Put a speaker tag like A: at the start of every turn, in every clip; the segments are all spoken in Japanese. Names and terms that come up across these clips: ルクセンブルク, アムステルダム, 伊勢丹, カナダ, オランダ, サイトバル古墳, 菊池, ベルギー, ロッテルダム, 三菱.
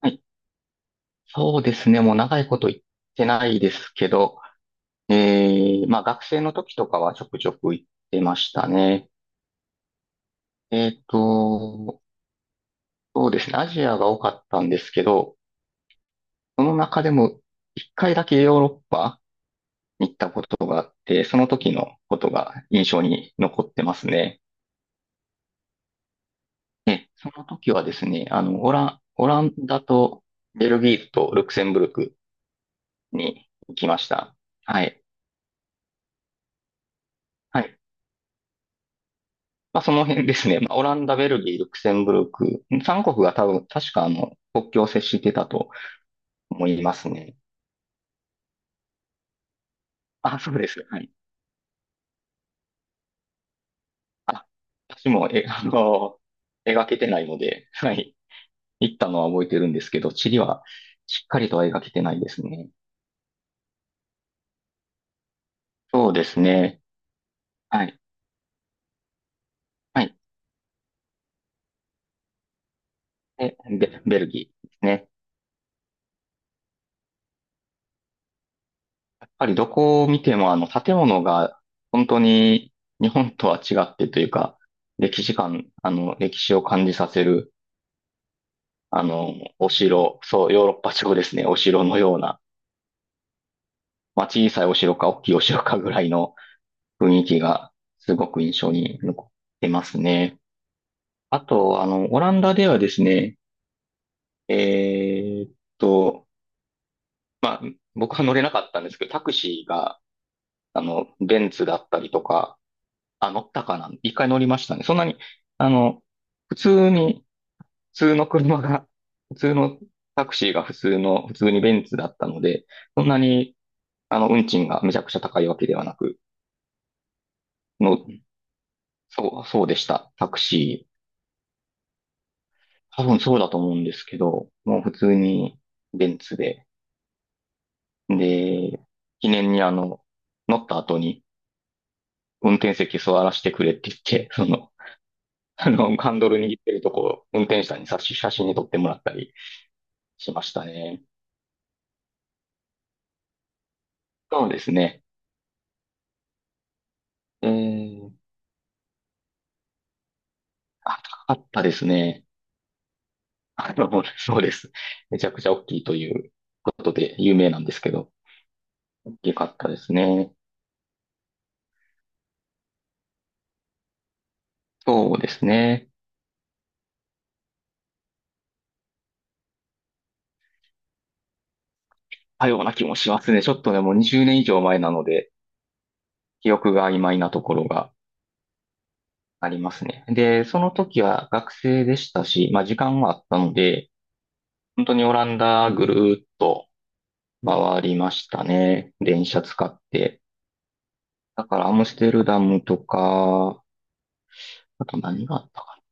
A: はい。そうですね。もう長いこと行ってないですけど、ええ、まあ学生の時とかはちょくちょく行ってましたね。えっと、そうですね。アジアが多かったんですけど、その中でも一回だけヨーロッパに行ったことがあって、その時のことが印象に残ってますね。その時はですね、オランダとベルギーとルクセンブルクに行きました。はい。はい。まあ、その辺ですね。まあ、オランダ、ベルギー、ルクセンブルク、3国が多分、確か国境を接してたと思いますね。あ、そうです。はい。あ、私も、描けてないので、はい。行ったのは覚えてるんですけど、地理はしっかりとは描けてないですね。そうですね。はい。はい。で、ベルギーですね。やっぱりどこを見ても、建物が本当に日本とは違ってというか、歴史感、歴史を感じさせるお城、そう、ヨーロッパ城ですね。お城のような、まあ、小さいお城か大きいお城かぐらいの雰囲気がすごく印象に残ってますね。あと、オランダではですね、えーっと、僕は乗れなかったんですけど、タクシーが、ベンツだったりとか、あ、乗ったかな一回乗りましたね。そんなに、あの、普通に、普通の車が、普通のタクシーが普通の、普通にベンツだったので、そんなに運賃がめちゃくちゃ高いわけではなく、の、そう、そうでした。タクシー。多分そうだと思うんですけど、もう普通にベンツで、で、記念に乗った後に運転席座らせてくれって言って、ハンドル握ってるとこを運転手さんに写真に撮ってもらったりしましたね。そうですね。えー、あ、高かったですね。あの、そうです。めちゃくちゃ大きいということで有名なんですけど、大きかったですね。そうですね。多ような気もしますね。ちょっとね、もう20年以上前なので、記憶が曖昧なところがありますね。で、その時は学生でしたし、まあ時間はあったので、本当にオランダぐるーっと回りましたね。電車使って。だからアムステルダムとか、あと何があったかな。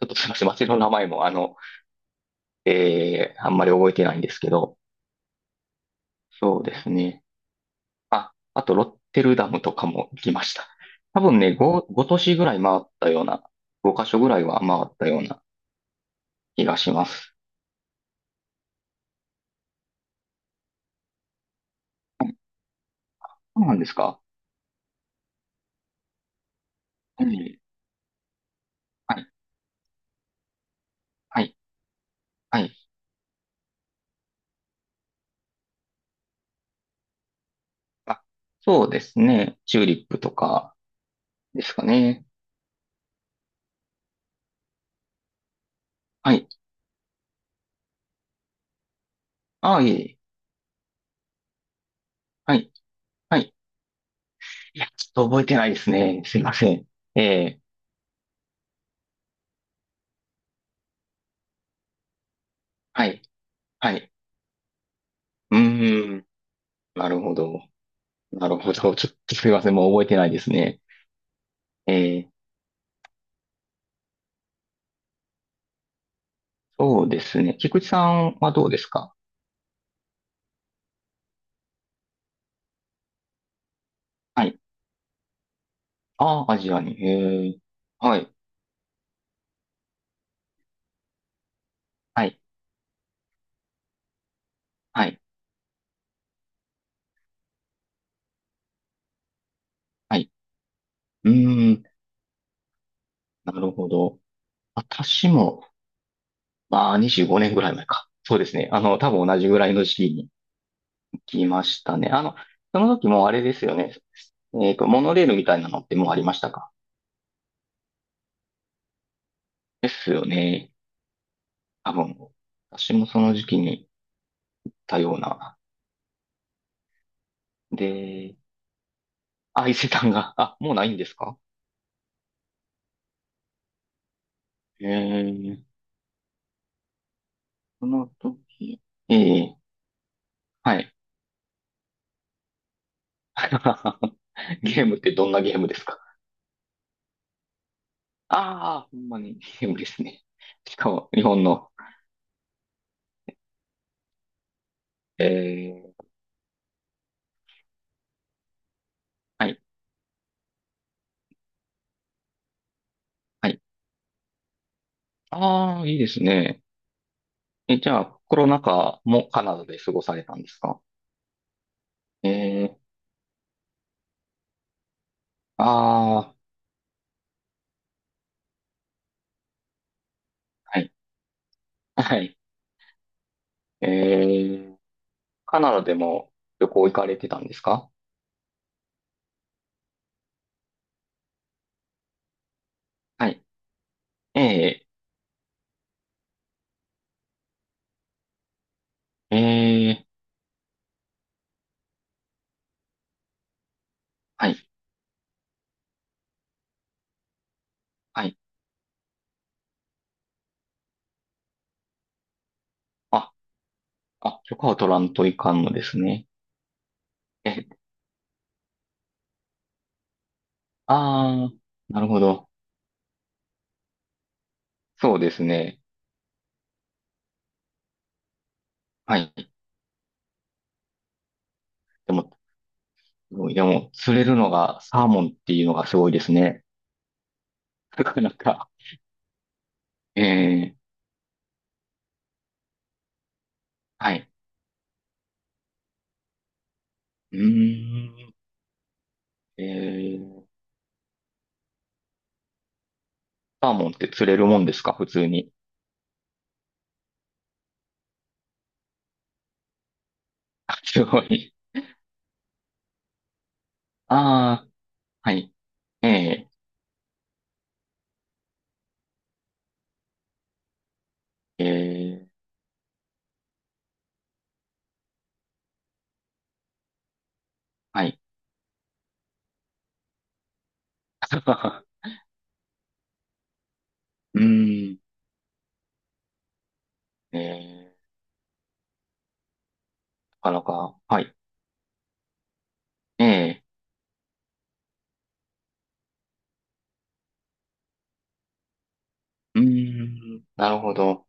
A: ちょっとすみません。街の名前もあんまり覚えてないんですけど、そうですね。あ、あとロッテルダムとかも行きました。多分ね、5、ご都市ぐらい回ったような、5カ所ぐらいは回ったような気がします。はい、そうなんですか？はい、はい、はい、はい。あ、そうですね。チューリップとかですかね。はい。ああ、いえいえ。はい、はい。いや、ちょっと覚えてないですね。すいません。ええ、はい、はい。うーん、なるほど。なるほど。ちょっとすいません。もう覚えてないですね。ええ、そうですね。菊池さんはどうですか？はい。ああ、アジアに。へえ。はい。はい。はい。はい。うーん。なるほど。私も、まあ、25年ぐらい前か。そうですね。多分同じぐらいの時期に行きましたね。その時もあれですよね。モノレールみたいなのってもうありましたか？ですよね。多分。私もその時期に行ったような。で、あ、伊勢丹が、あ、もうないんですか？ええ。その時、ええ、はい。ゲームってどんなゲームですか？ああ、ほんまに、無いですね。しかも、日本の。えー、はい、はい。ああ、いいですね。え、じゃあ、コロナ禍もカナダで過ごされたんですか？えー、ああ、はい、はい。えー、カナダでも旅行行かれてたんですか？はい。えー、えー、はい、はい。あ、あ、許可を取らんといかんのですね。え、ああ、なるほど。そうですね。はい。でもいやもう、釣れるのがサーモンっていうのがすごいですね。なかなか。ええ、はい。うーん。ええ、サーモンって釣れるもんですか？普通に。あすごい。ああ、はい。ええ、ええ、はい。うーん。ええ、なかなか。はい。ええ、うーん。なるほど。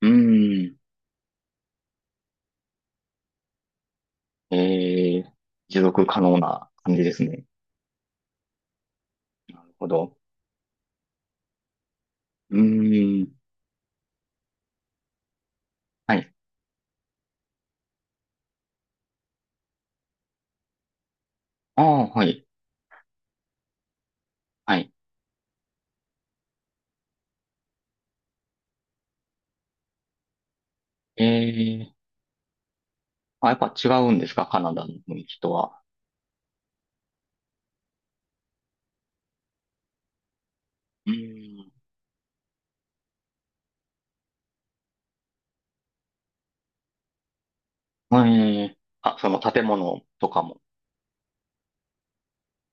A: うーん。ええ、持続可能な感じですね。なるほど。うーん。はい。ああ、はい。はい。ええ、あ、やっぱ違うんですか、カナダの雰囲気とは。うーん。ええ、あ、その建物とかも。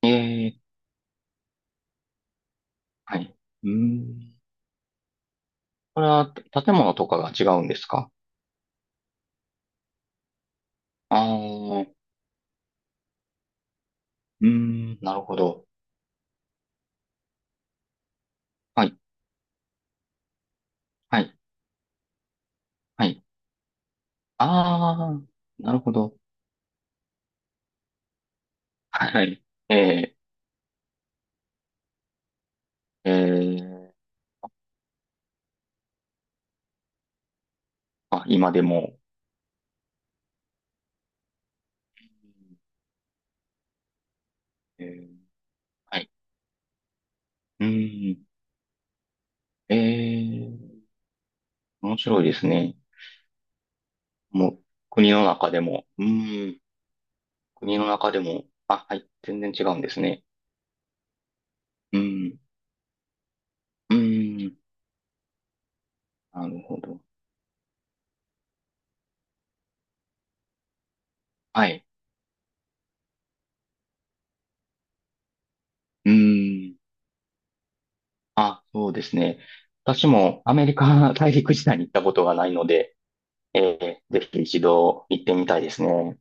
A: ええ、はい。うーん。これは建物とかが違うんですか？ああー、うーん、なるほど。はい、はい、はい。ああ、なるほど。はい。ええ、ええ、あ、今でも。ええ、はい。うーん。ええ、面白いですね。もう、国の中でも。うーん。国の中でも、あ、はい、全然違うんですね。うん、うん、なるほど。はい、うん、あ、そうですね。私もアメリカ大陸自体に行ったことがないので、ぜひ一度行ってみたいですね。